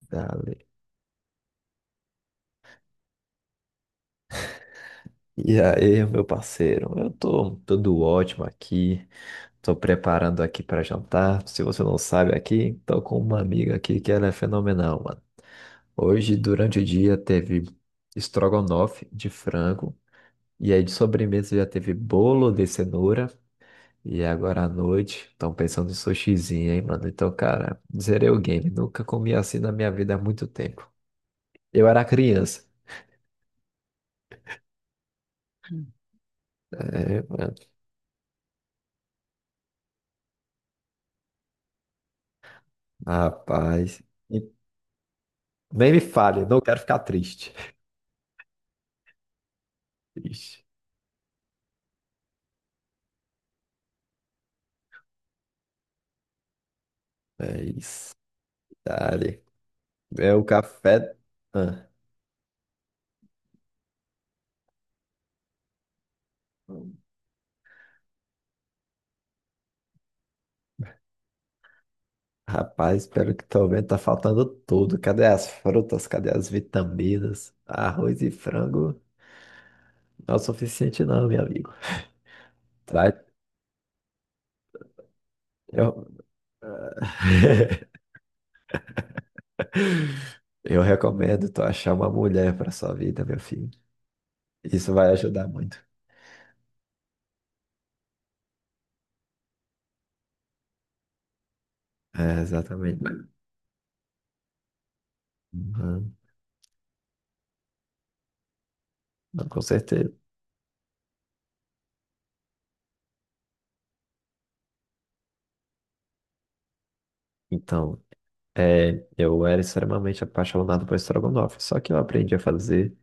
Dale. E aí, meu parceiro, eu tô tudo ótimo aqui, tô preparando aqui para jantar. Se você não sabe aqui, tô com uma amiga aqui que ela é fenomenal, mano. Hoje, durante o dia, teve estrogonofe de frango, e aí de sobremesa já teve bolo de cenoura, e agora à noite, estão pensando em sushizinho, hein, mano? Então, cara, zerei o game, nunca comi assim na minha vida há muito tempo. Eu era criança, é, mano, rapaz. Nem me fale, não quero ficar triste. Ixi, é isso. Dale. É o café. Ah, rapaz, pelo que tô vendo, tá faltando tudo. Cadê as frutas? Cadê as vitaminas? Arroz e frango não é o suficiente, não, meu amigo. Vai. Eu, eu recomendo tu achar uma mulher pra sua vida, meu filho. Isso vai ajudar muito. É, exatamente. Uhum. Não, com certeza. Então, é, eu era extremamente apaixonado por estrogonofe, só que eu aprendi a fazer.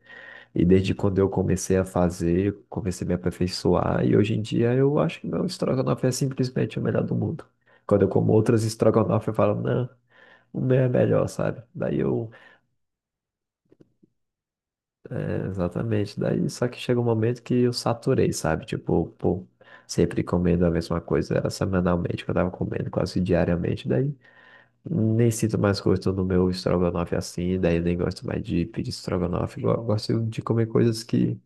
E desde quando eu comecei a fazer, eu comecei a me aperfeiçoar, e hoje em dia eu acho que meu estrogonofe é simplesmente o melhor do mundo. Quando eu como outras estrogonofe, eu falo, não, o meu é melhor, sabe? Daí eu, é, exatamente, daí só que chega um momento que eu saturei, sabe? Tipo, pô, sempre comendo a mesma coisa, era semanalmente que eu tava comendo, quase diariamente, daí nem sinto mais gosto no meu estrogonofe assim, daí eu nem gosto mais de pedir estrogonofe, eu gosto de comer coisas que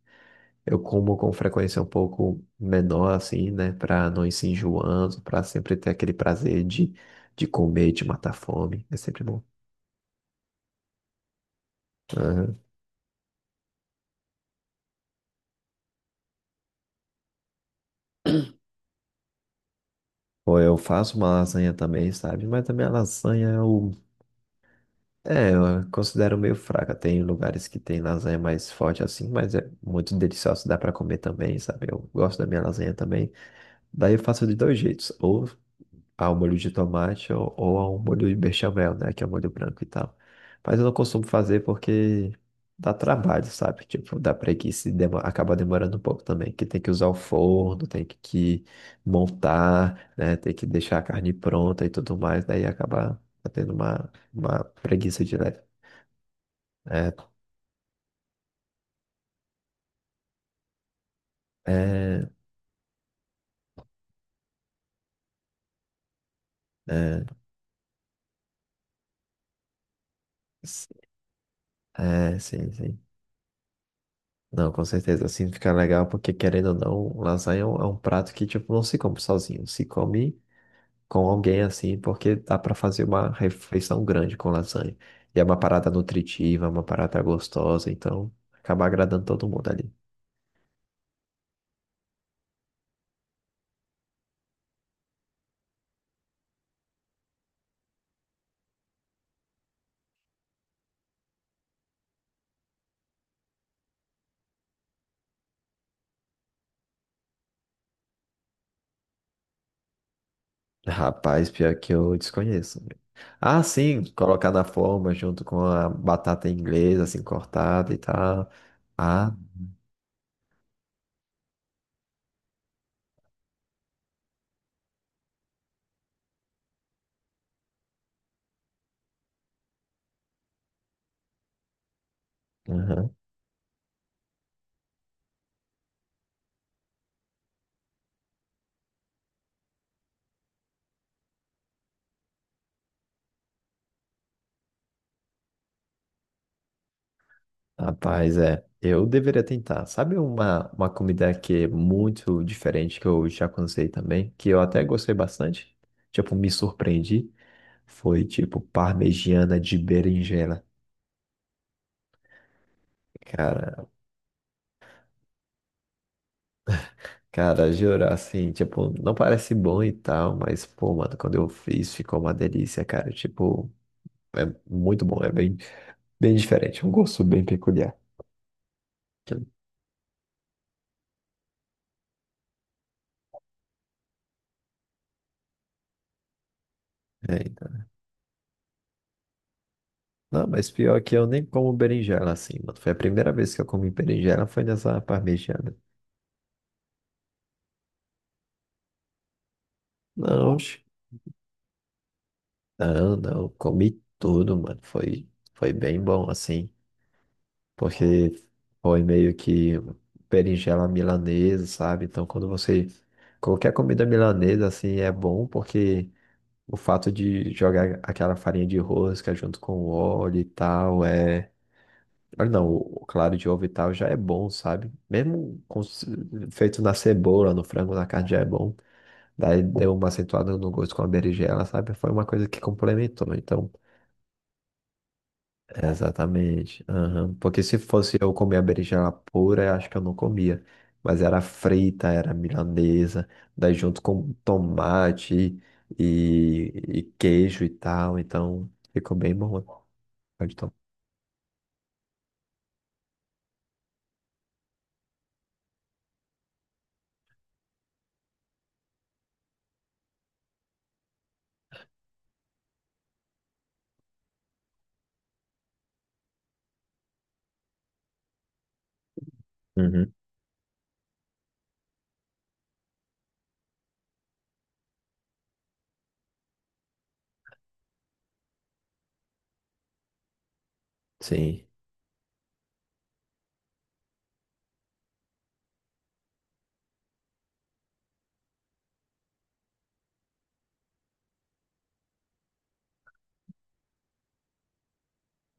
eu como com frequência um pouco menor, assim, né? Pra não ir se enjoando, pra sempre ter aquele prazer de comer, de matar a fome. É sempre bom. Aham. Ou eu faço uma lasanha também, sabe? Mas também a lasanha eu, é, eu considero meio fraca. Tem lugares que tem lasanha mais forte assim, mas é muito deliciosa, dá pra comer também, sabe? Eu gosto da minha lasanha também. Daí eu faço de dois jeitos. Ou ao molho de tomate ou ao molho de bechamel, né? Que é o molho branco e tal. Mas eu não costumo fazer porque dá trabalho, sabe? Tipo, dá preguiça e acaba demorando um pouco também. Que tem que usar o forno, tem que montar, né? Tem que deixar a carne pronta e tudo mais. Daí acaba tendo uma preguiça de leve. É, é, é, s- é, sim, sim. Não, com certeza, assim fica legal, porque querendo ou não, lasanha é um prato que, tipo, não se come sozinho, se come com alguém assim, porque dá para fazer uma refeição grande com lasanha. E é uma parada nutritiva, é uma parada gostosa, então acaba agradando todo mundo ali. Rapaz, pior que eu desconheço. Ah, sim, colocar na forma junto com a batata inglesa, assim, cortada e tal. Ah, aham. Rapaz, é. Eu deveria tentar. Sabe uma comida que é muito diferente que eu já cansei também, que eu até gostei bastante? Tipo, me surpreendi. Foi tipo parmegiana de berinjela. Cara, cara, jurar assim, tipo, não parece bom e tal, mas pô, mano, quando eu fiz ficou uma delícia, cara. Tipo, é muito bom, é bem, bem diferente, um gosto bem peculiar. É, então. Não, mas pior que eu nem como berinjela assim, mano. Foi a primeira vez que eu comi berinjela, foi nessa parmegiana. Não, oxe. Não, comi tudo, mano. Foi, foi bem bom, assim. Porque foi meio que berinjela milanesa, sabe? Então, quando você. Qualquer comida milanesa, assim, é bom, porque o fato de jogar aquela farinha de rosca junto com o óleo e tal, é. Olha, não, o claro de ovo e tal já é bom, sabe? Feito na cebola, no frango, na carne já é bom. Daí deu uma acentuada no gosto com a berinjela, sabe? Foi uma coisa que complementou. Então, exatamente. Aham. Porque se fosse eu comer a berinjela pura, eu acho que eu não comia. Mas era frita, era milanesa, daí junto com tomate e queijo e tal. Então ficou bem bom. Pode tomar. Uhum. Sim.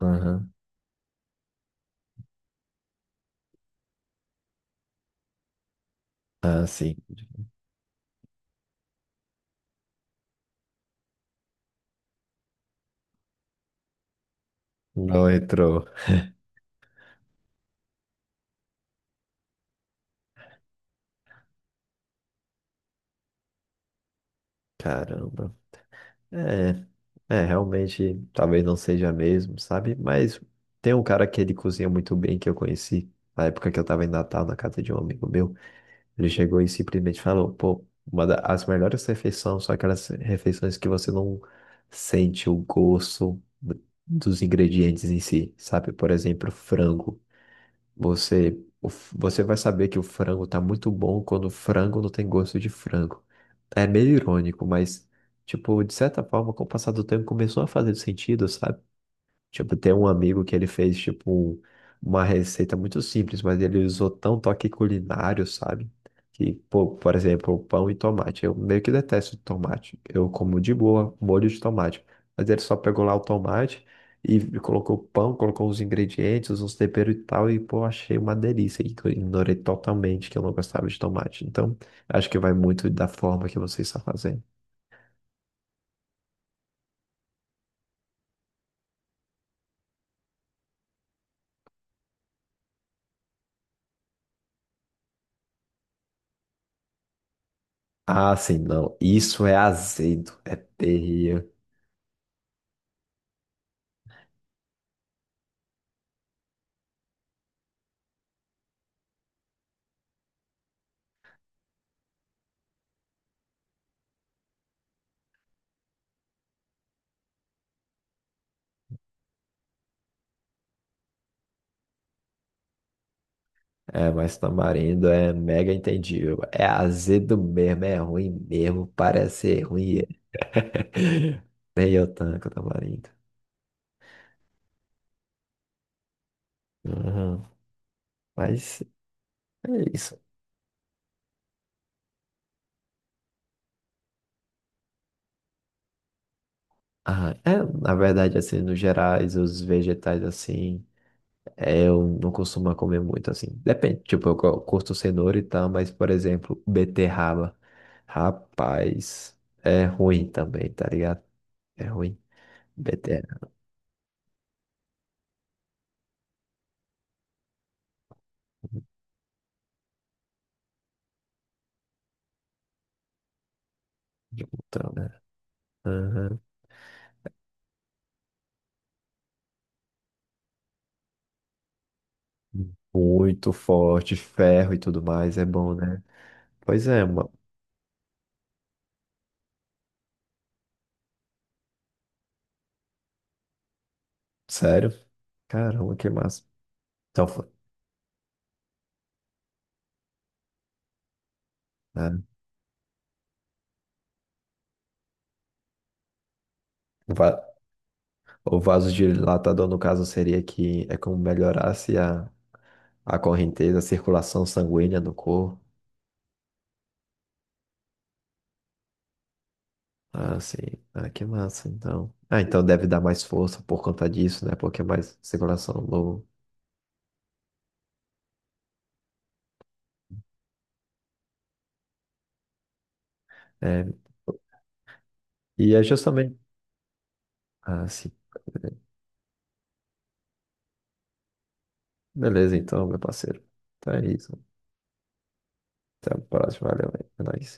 Aham. Ah, sim. Não entrou. Caramba. É, é, realmente, talvez não seja mesmo, sabe? Mas tem um cara que ele cozinha muito bem que eu conheci na época que eu tava em Natal na casa de um amigo meu. Ele chegou e simplesmente falou, pô, uma das melhores refeições são aquelas refeições que você não sente o gosto dos ingredientes em si, sabe? Por exemplo, frango. Você, você vai saber que o frango tá muito bom quando o frango não tem gosto de frango. É meio irônico, mas, tipo, de certa forma, com o passar do tempo começou a fazer sentido, sabe? Tipo, tem um amigo que ele fez, tipo, uma receita muito simples, mas ele usou tão toque culinário, sabe? Que, pô, por exemplo, pão e tomate. Eu meio que detesto tomate. Eu como de boa molho de tomate. Mas ele só pegou lá o tomate e colocou o pão, colocou os ingredientes, uns temperos e tal, e, pô, achei uma delícia. E eu ignorei totalmente que eu não gostava de tomate. Então, acho que vai muito da forma que você está fazendo. Ah, sim, não. Isso é azedo. É terrível. É, mas tamarindo é mega entendível. É azedo mesmo, é ruim mesmo, parece ser ruim. Nem eu tanco tamarindo. Uhum. Mas é isso. Ah, é, na verdade, assim, no gerais, os vegetais, assim, é, eu não costumo comer muito, assim. Depende, tipo, curto cenoura e tal, mas, por exemplo, beterraba. Rapaz, é ruim também, tá ligado? É ruim. Beterraba. Então, né? Muito forte, ferro e tudo mais, é bom, né? Pois é, mano. Sério? Caramba, que massa. Então, né? O va- o vasodilatador, no caso, seria que é como melhorasse a correnteza, a circulação sanguínea do corpo. Ah, sim. Ah, que massa, então. Ah, então deve dar mais força por conta disso, né? Porque é mais circulação no... É. E é justamente... Ah, sim. Beleza, então, meu parceiro. Então é isso. Até a próxima. Valeu, é nóis.